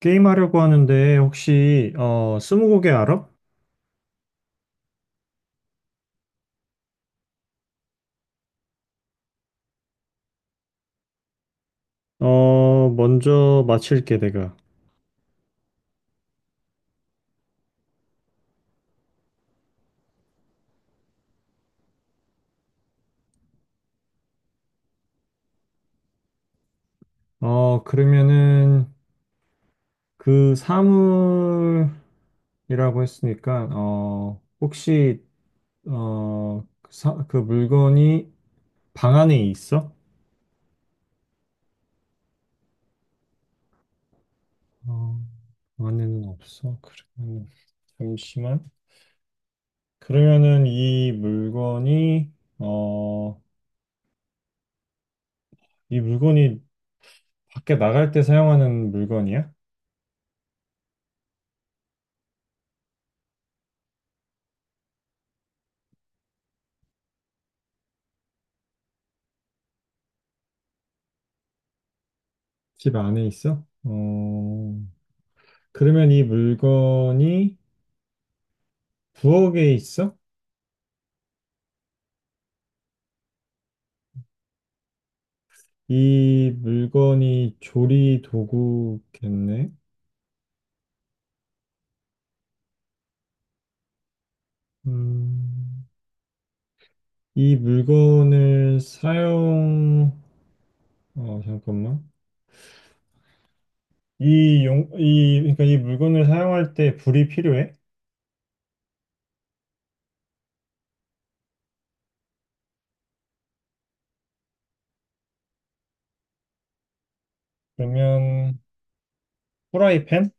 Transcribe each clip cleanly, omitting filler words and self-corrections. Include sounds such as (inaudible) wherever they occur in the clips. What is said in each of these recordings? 게임하려고 하는데 혹시 스무고개 알아? 먼저 맞힐게 내가. 그러면은 그 사물이라고 했으니까 혹시 어그 사 그 물건이 방 안에 있어? 어, 방 안에는 없어. 그러면 잠시만. 그러면은 어 이 물건이 밖에 나갈 때 사용하는 물건이야? 집 안에 있어? 어, 그러면 이 물건이 부엌에 있어? 이 물건이 조리 도구겠네? 음, 이 물건을 사용, 잠깐만. 그러니까 이 물건을 사용할 때 불이 필요해? 그러면, 프라이팬?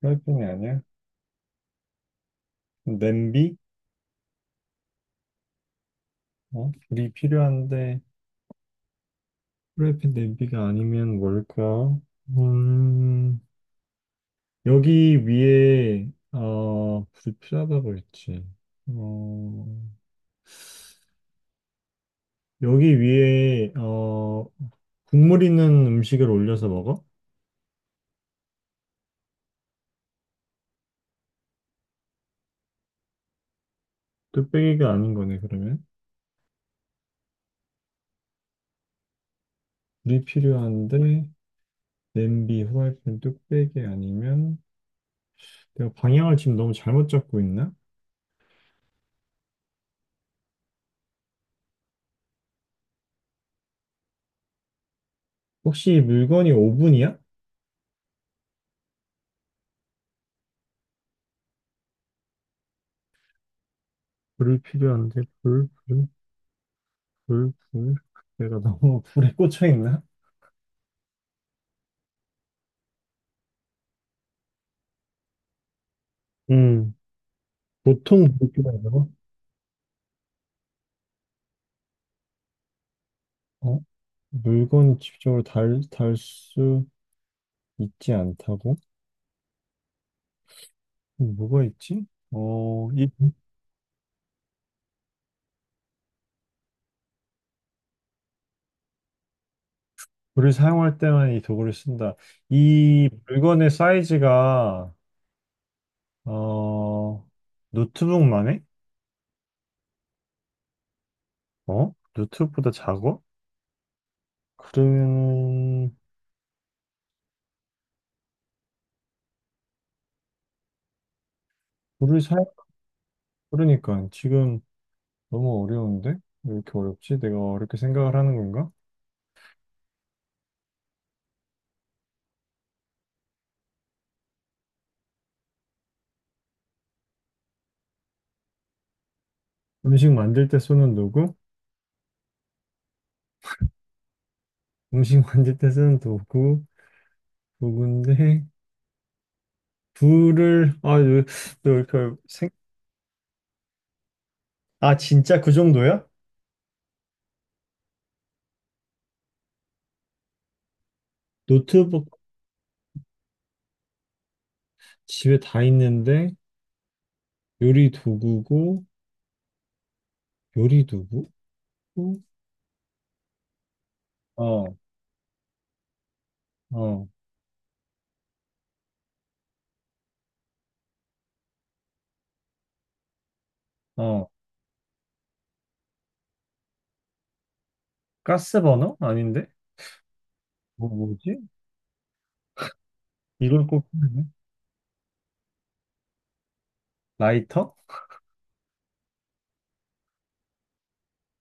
프라이팬이 아니야. 냄비? 어, 불이 필요한데, 프라이팬 냄비가 아니면 뭘까? 음, 여기 위에 불이 필요하다고 했지. 어 여기 위에 국물 있는 음식을 올려서 먹어? 뚝배기가 아닌 거네 그러면. 불이 필요한데 냄비, 후라이팬, 뚝배기 아니면 내가 방향을 지금 너무 잘못 잡고 있나? 혹시 물건이 오븐이야? 불이 필요한데 불, 불, 불, 불. 내가 너무 (laughs) 불에 꽂혀 있나? 음 보통 불이 필요하다고? 물건이 접적으로 달 수 있지 않다고? 뭐가 있지? 이 물을 사용할 때만 이 도구를 쓴다. 이 물건의 사이즈가, 어, 노트북만 해? 어? 노트북보다 작아? 그러면, 물을 사용, 그러니까 지금 너무 어려운데? 왜 이렇게 어렵지? 내가 어렵게 생각을 하는 건가? 음식 만들 때 쓰는 도구? 음식 (laughs) 만들 때 쓰는 도구? 도구인데, 불을 너 이렇게 생... 아, 진짜 그 정도야? 노트북 집에 다 있는데 요리 도구고 요리 도구? 어, 어, 어. 가스 버너? 아닌데? 뭐지? 이걸 꼭 필요해? 라이터?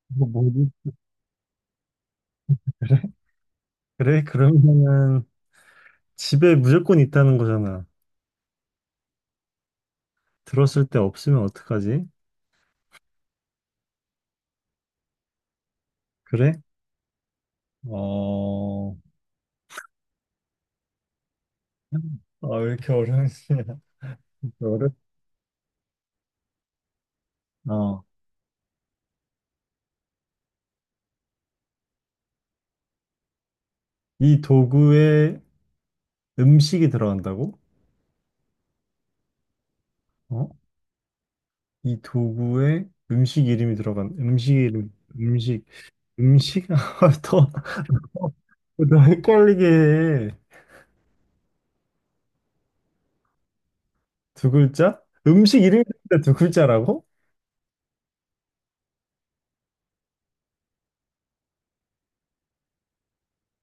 뭐지? 그래? 그래? 그러면은 집에 무조건 있다는 거잖아. 들었을 때 없으면 어떡하지? 그래? 어. 아, 왜 이렇게 어려운지. (laughs) 어렵... 어. 이 도구에 음식이 들어간다고? 어? 이 도구에 음식 이름이 들어간 음식 이름 음식 음식 (laughs) 더더 헷갈리게 해. 두 글자? 음식 이름이 들어간다 두 글자라고?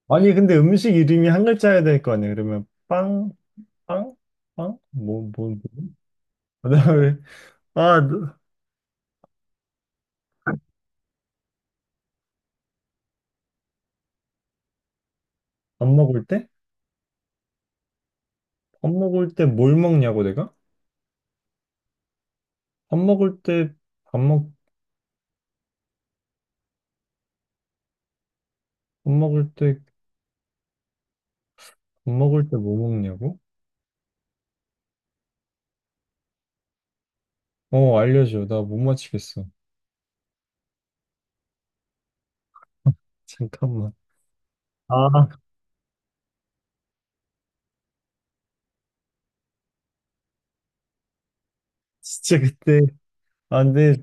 아니 근데 음식 이름이 한 글자여야 될 거 아니야? 그러면 빵, 빵, 빵? 뭐, 뭐, 뭐. 그다음에 아, 너- 밥 먹을 때? 밥 먹을 때 뭘 먹냐고 내가? 밥 먹을 때 밥 먹, 밥 먹을 때 밥 먹을 때 뭐 먹냐고? 어, 알려줘. 나 못 맞히겠어. 잠깐만. 아, 아, 진짜 그때. 아, 근데,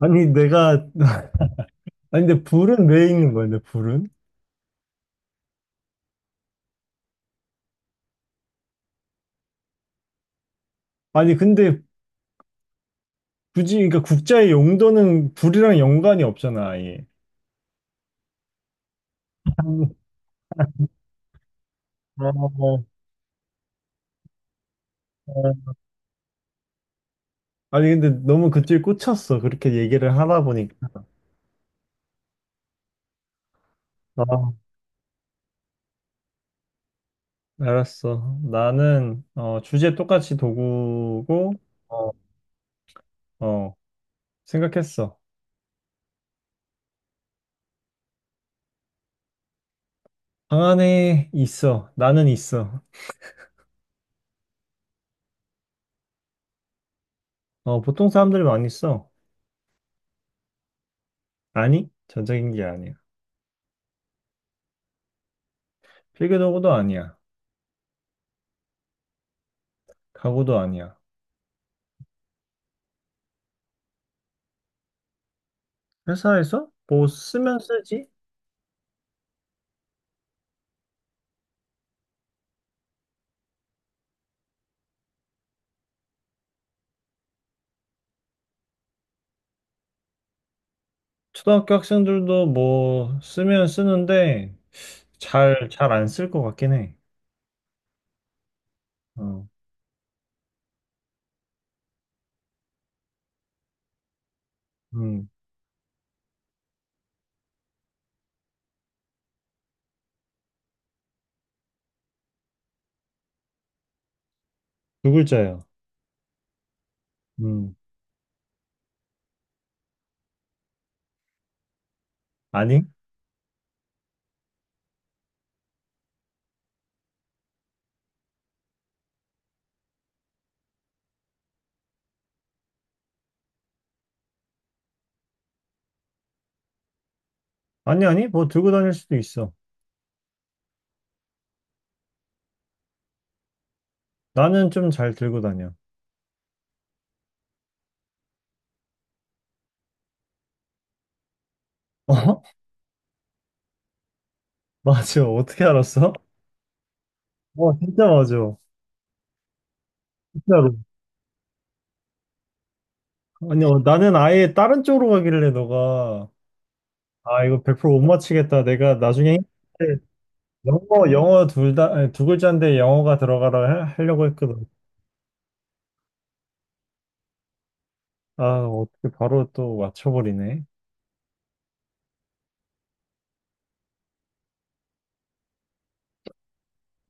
아니, 내가, (laughs) 아니, 근데 불은 왜 있는 거야, 근데 불은? 아니, 근데 굳이, 그러니까 국자의 용도는 불이랑 연관이 없잖아, 아예. 음, 어, 어, 어, 아니, 근데 너무 그쪽에 꽂혔어. 그렇게 얘기를 하다 보니까. 아, 알았어. 나는, 주제 똑같이 도구고, 어, 어, 생각했어. 방 안에 있어. 나는 있어. 어, 보통 사람들이 많이 써. 아니, 전자기기 아니야. 필기도구도 아니야. 가구도 아니야. 회사에서 뭐 쓰면 쓰지? 초등학교 학생들도 뭐 쓰면 쓰는데 잘 안 쓸 것 같긴 해. 어, 음, 두 글자야. 음, 아니? 아니, 아니, 뭐 들고 다닐 수도 있어. 나는 좀 잘 들고 다녀. 어? (laughs) 맞아. 어떻게 알았어? 어, 진짜 맞아. 진짜로. 아니, 나는 아예 다른 쪽으로 가길래 너가, 아, 이거 100%못 맞히겠다. 내가 나중에 영어 둘 다, 아니, 두 글자인데 영어가 들어가라 하려고 했거든. 아, 어떻게 바로 또 맞춰버리네.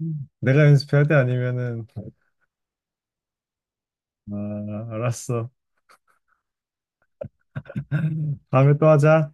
음. 내가 연습해야 돼? 아니면은, 아, 알았어. 다음에 또 하자.